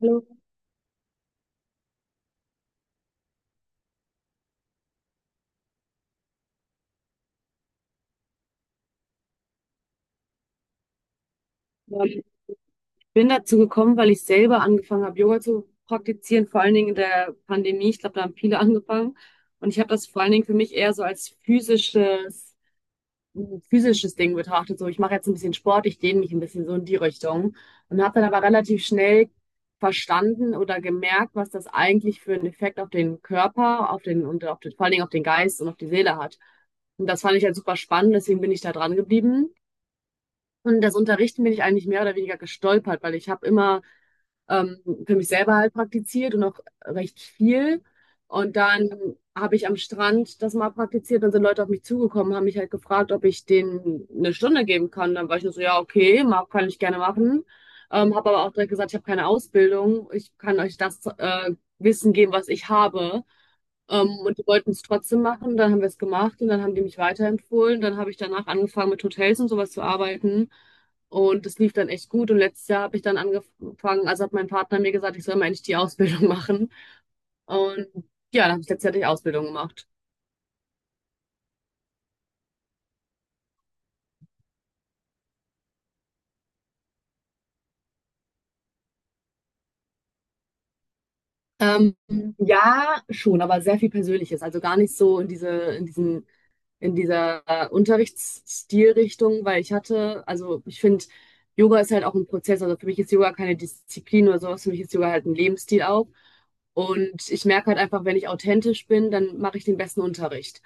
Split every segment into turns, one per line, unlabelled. Hallo. Ja, ich bin dazu gekommen, weil ich selber angefangen habe, Yoga zu praktizieren, vor allen Dingen in der Pandemie. Ich glaube, da haben viele angefangen. Und ich habe das vor allen Dingen für mich eher so als physisches, ein physisches Ding betrachtet. So, ich mache jetzt ein bisschen Sport, ich dehne mich ein bisschen so in die Richtung. Und habe dann aber relativ schnell verstanden oder gemerkt, was das eigentlich für einen Effekt auf den Körper, auf den, und auf den, vor allen Dingen auf den Geist und auf die Seele hat. Und das fand ich halt super spannend, deswegen bin ich da dran geblieben. Und das Unterrichten bin ich eigentlich mehr oder weniger gestolpert, weil ich habe immer ähm, für mich selber halt praktiziert und auch recht viel. Und dann habe ich am Strand das mal praktiziert, dann sind Leute auf mich zugekommen, haben mich halt gefragt, ob ich denen 1 Stunde geben kann. Dann war ich nur so, ja, okay, mag, kann ich gerne machen. Habe aber auch direkt gesagt, ich habe keine Ausbildung, ich kann euch das Wissen geben, was ich habe. Und die wollten es trotzdem machen, dann haben wir es gemacht und dann haben die mich weiterempfohlen. Dann habe ich danach angefangen, mit Hotels und sowas zu arbeiten. Und das lief dann echt gut. Und letztes Jahr habe ich dann angefangen, also hat mein Partner mir gesagt, ich soll mal endlich die Ausbildung machen. Und ja, dann habe ich letztes Jahr die Ausbildung gemacht. Ähm, ja, schon, aber sehr viel Persönliches. Also gar nicht so in diese, in diesen, in dieser Unterrichtsstilrichtung, weil ich hatte, also ich finde, Yoga ist halt auch ein Prozess. Also für mich ist Yoga keine Disziplin oder sowas. Für mich ist Yoga halt ein Lebensstil auch. Und ich merke halt einfach, wenn ich authentisch bin, dann mache ich den besten Unterricht.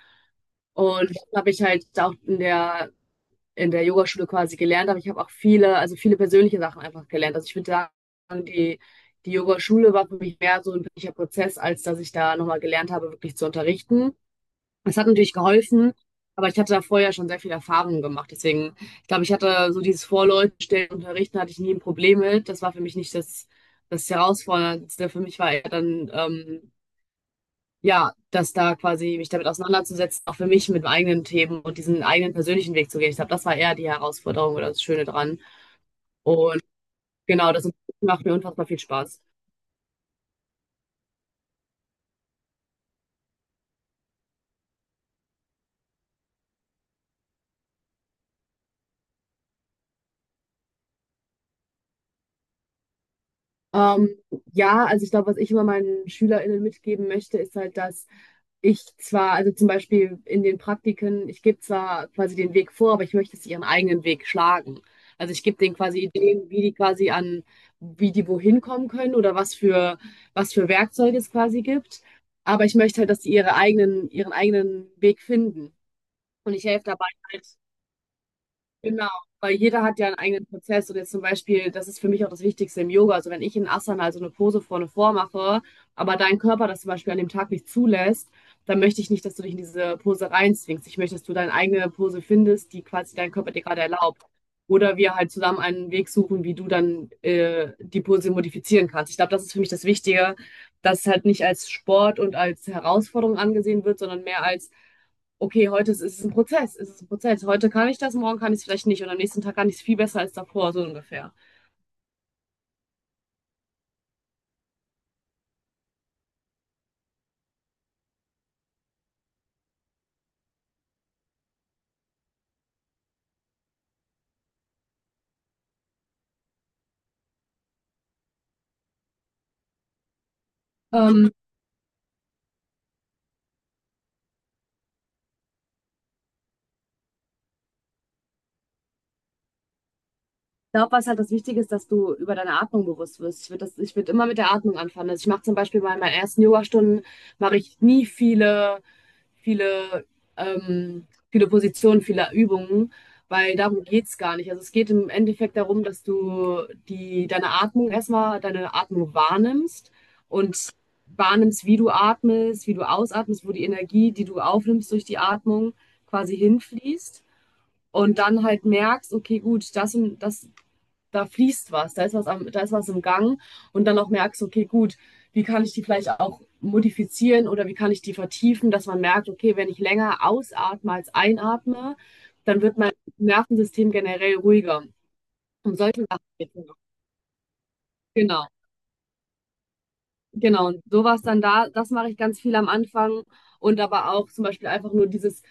Und das habe ich halt auch in der Yogaschule quasi gelernt habe. Ich habe auch viele, also viele persönliche Sachen einfach gelernt. Also ich würde sagen, die, die Yogaschule war für mich mehr so ein wirklicher Prozess, als dass ich da nochmal gelernt habe, wirklich zu unterrichten. Es hat natürlich geholfen, aber ich hatte da vorher schon sehr viel Erfahrung gemacht. Deswegen, ich glaube, ich hatte so dieses Vorleute und unterrichten, hatte ich nie ein Problem mit. Das war für mich nicht das, das Herausforderndste. Für mich war eher dann ja, dass da quasi mich damit auseinanderzusetzen, auch für mich mit meinen eigenen Themen und diesen eigenen persönlichen Weg zu gehen. Ich glaube, das war eher die Herausforderung oder das Schöne dran. Und genau, das macht mir unfassbar viel Spaß. Ähm, ja, also ich glaube, was ich immer meinen SchülerInnen mitgeben möchte, ist halt, dass ich zwar, also zum Beispiel in den Praktiken, ich gebe zwar quasi den Weg vor, aber ich möchte, dass sie ihren eigenen Weg schlagen. Also ich gebe denen quasi Ideen, wie die quasi an, wie die wohin kommen können oder was für Werkzeuge es quasi gibt. Aber ich möchte halt, dass sie ihre eigenen, ihren eigenen Weg finden. Und ich helfe dabei halt. Genau, weil jeder hat ja einen eigenen Prozess und jetzt zum Beispiel, das ist für mich auch das Wichtigste im Yoga. Also wenn ich in Asana, also eine Pose vorne vormache, aber dein Körper das zum Beispiel an dem Tag nicht zulässt, dann möchte ich nicht, dass du dich in diese Pose reinzwingst. Ich möchte, dass du deine eigene Pose findest, die quasi dein Körper dir gerade erlaubt. Oder wir halt zusammen einen Weg suchen, wie du dann die Pose modifizieren kannst. Ich glaube, das ist für mich das Wichtige, dass es halt nicht als Sport und als Herausforderung angesehen wird, sondern mehr als: okay, heute ist, ist es ein Prozess, ist es ein Prozess. Heute kann ich das, morgen kann ich es vielleicht nicht und am nächsten Tag kann ich es viel besser als davor, so ungefähr. Ähm, Glaube, was halt das Wichtige ist, dass du über deine Atmung bewusst wirst. Ich würde das, ich würde immer mit der Atmung anfangen. Also ich mache zum Beispiel mal in meinen ersten Yogastunden, mache ich nie viele, viele, viele Positionen, viele Übungen, weil darum geht es gar nicht. Also es geht im Endeffekt darum, dass du die, deine Atmung erstmal, deine Atmung wahrnimmst und wahrnimmst, wie du atmest, wie du ausatmest, wo die Energie, die du aufnimmst durch die Atmung, quasi hinfließt und dann halt merkst, okay, gut, das und das, da fließt was, da ist was, am, da ist was im Gang und dann auch merkst, okay, gut, wie kann ich die vielleicht auch modifizieren oder wie kann ich die vertiefen, dass man merkt, okay, wenn ich länger ausatme als einatme, dann wird mein Nervensystem generell ruhiger. Um solche Sachen geht es noch. Genau. Genau, und sowas dann da, das mache ich ganz viel am Anfang und aber auch zum Beispiel einfach nur dieses,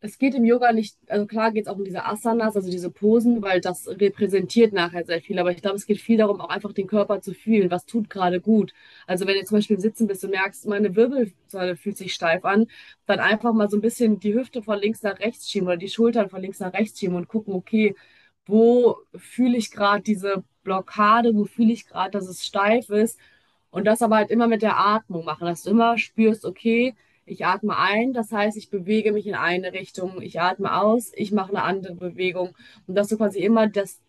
es geht im Yoga nicht, also klar geht es auch um diese Asanas, also diese Posen, weil das repräsentiert nachher sehr viel, aber ich glaube, es geht viel darum, auch einfach den Körper zu fühlen, was tut gerade gut. Also wenn du zum Beispiel im Sitzen bist und merkst, meine Wirbelsäule fühlt sich steif an, dann einfach mal so ein bisschen die Hüfte von links nach rechts schieben oder die Schultern von links nach rechts schieben und gucken, okay, wo fühle ich gerade diese Blockade, wo fühle ich gerade, dass es steif ist und das aber halt immer mit der Atmung machen, dass du immer spürst, okay, ich atme ein, das heißt, ich bewege mich in eine Richtung, ich atme aus, ich mache eine andere Bewegung und dass du quasi immer das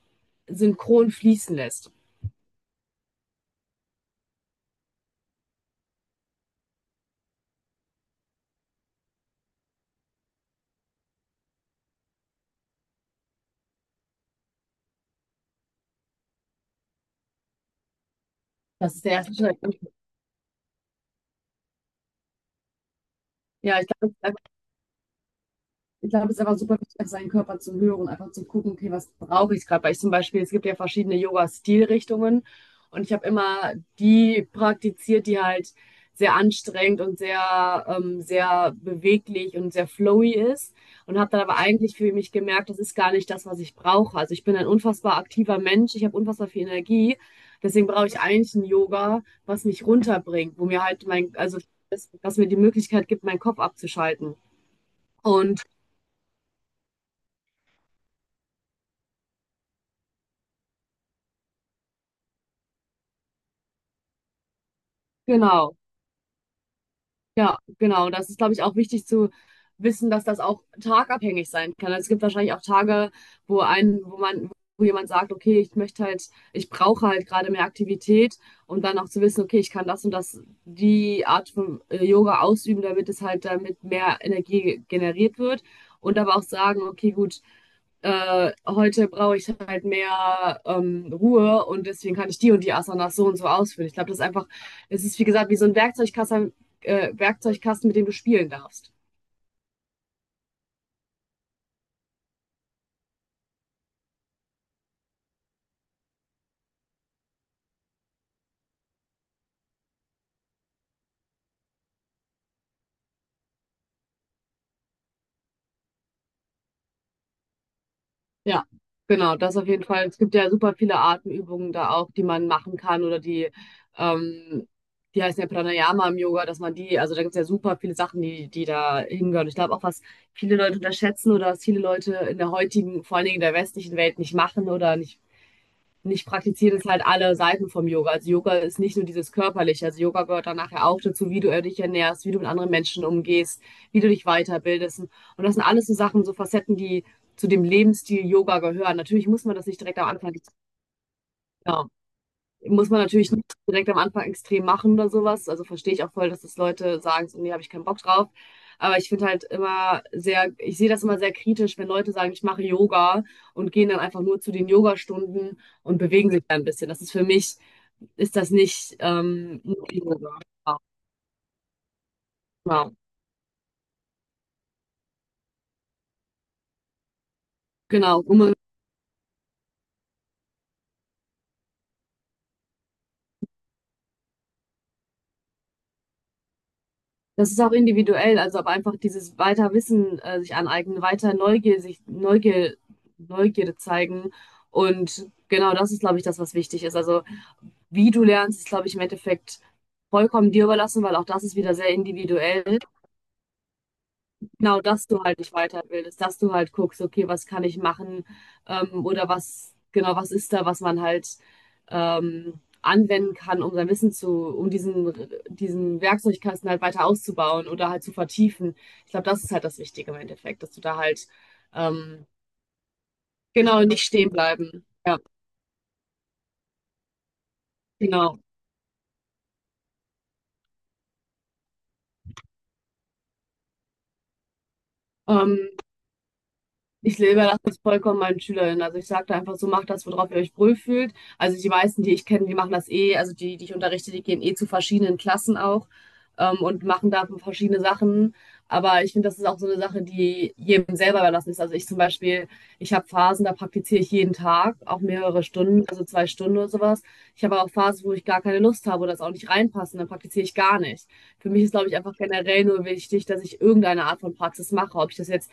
synchron fließen lässt. Das ist der erste Schritt. Ja, ich glaube, das ist einfach. Ich glaube, es ist einfach super wichtig, auf seinen Körper zu hören, einfach zu gucken, okay, was brauche ich gerade? Weil ich zum Beispiel, es gibt ja verschiedene Yoga-Stilrichtungen und ich habe immer die praktiziert, die halt sehr anstrengend und sehr, sehr beweglich und sehr flowy ist und habe dann aber eigentlich für mich gemerkt, das ist gar nicht das, was ich brauche. Also ich bin ein unfassbar aktiver Mensch, ich habe unfassbar viel Energie, deswegen brauche ich eigentlich ein Yoga, was mich runterbringt, wo mir halt mein, also das, was mir die Möglichkeit gibt, meinen Kopf abzuschalten. Und genau. Ja, genau. Das ist, glaube ich, auch wichtig zu wissen, dass das auch tagabhängig sein kann. Also es gibt wahrscheinlich auch Tage, wo ein, wo man, wo jemand sagt, okay, ich möchte halt, ich brauche halt gerade mehr Aktivität und dann auch zu wissen, okay, ich kann das und das, die Art von Yoga ausüben, damit es halt damit mehr Energie generiert wird. Und aber auch sagen, okay, gut, heute brauche ich halt mehr Ruhe und deswegen kann ich die und die Asanas so und so ausführen. Ich glaube, das ist einfach, es ist wie gesagt wie so ein Werkzeugkasten, Werkzeugkasten, mit dem du spielen darfst. Ja, genau, das auf jeden Fall. Es gibt ja super viele Atemübungen da auch, die man machen kann oder die, ähm, die heißen ja Pranayama im Yoga, dass man die, also da gibt es ja super viele Sachen, die, die da hingehören. Ich glaube auch, was viele Leute unterschätzen oder was viele Leute in der heutigen, vor allen Dingen in der westlichen Welt nicht machen oder nicht. Und ich praktiziere das halt alle Seiten vom Yoga. Also Yoga ist nicht nur dieses Körperliche. Also Yoga gehört dann nachher auch dazu, wie du dich ernährst, wie du mit anderen Menschen umgehst, wie du dich weiterbildest. Und das sind alles so Sachen, so Facetten, die zu dem Lebensstil Yoga gehören. Natürlich muss man das nicht direkt am Anfang. Genau. Muss man natürlich nicht direkt am Anfang extrem machen oder sowas. Also verstehe ich auch voll, dass das Leute sagen, so, nee, habe ich keinen Bock drauf. Aber ich finde halt immer sehr, ich sehe das immer sehr kritisch, wenn Leute sagen, ich mache Yoga und gehen dann einfach nur zu den Yogastunden und bewegen sich dann ein bisschen. Das ist für mich, ist das nicht nur Yoga. Genau. Genau. Das ist auch individuell, also aber einfach dieses weiter Wissen sich aneignen, weiter Neugier, sich Neugier, Neugierde zeigen. Und genau das ist, glaube ich, das, was wichtig ist. Also wie du lernst, ist, glaube ich, im Endeffekt vollkommen dir überlassen, weil auch das ist wieder sehr individuell. Genau, dass du halt dich weiterbildest, dass du halt guckst, okay, was kann ich machen, oder was, genau, was ist da, was man halt anwenden kann, um sein Wissen zu, um diesen, diesen Werkzeugkasten halt weiter auszubauen oder halt zu vertiefen. Ich glaube, das ist halt das Wichtige im Endeffekt, dass du da halt ähm, genau nicht stehen bleiben. Ja, genau. Ähm, Ich überlasse das vollkommen meinen SchülerInnen. Also ich sage da einfach so, macht das, worauf ihr euch wohl fühlt. Also die meisten, die ich kenne, die machen das eh, also die, die ich unterrichte, die gehen eh zu verschiedenen Klassen auch und machen da verschiedene Sachen. Aber ich finde, das ist auch so eine Sache, die jedem selber überlassen ist. Also ich zum Beispiel, ich habe Phasen, da praktiziere ich jeden Tag, auch mehrere Stunden, also 2 Stunden oder sowas. Ich habe aber auch Phasen, wo ich gar keine Lust habe oder es auch nicht reinpassen, dann praktiziere ich gar nicht. Für mich ist, glaube ich, einfach generell nur wichtig, dass ich irgendeine Art von Praxis mache. Ob ich das jetzt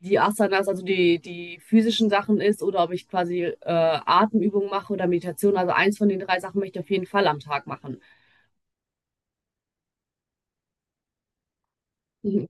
die Asanas, also die, die physischen Sachen ist, oder ob ich quasi Atemübungen mache oder Meditation. Also eins von den drei Sachen möchte ich auf jeden Fall am Tag machen.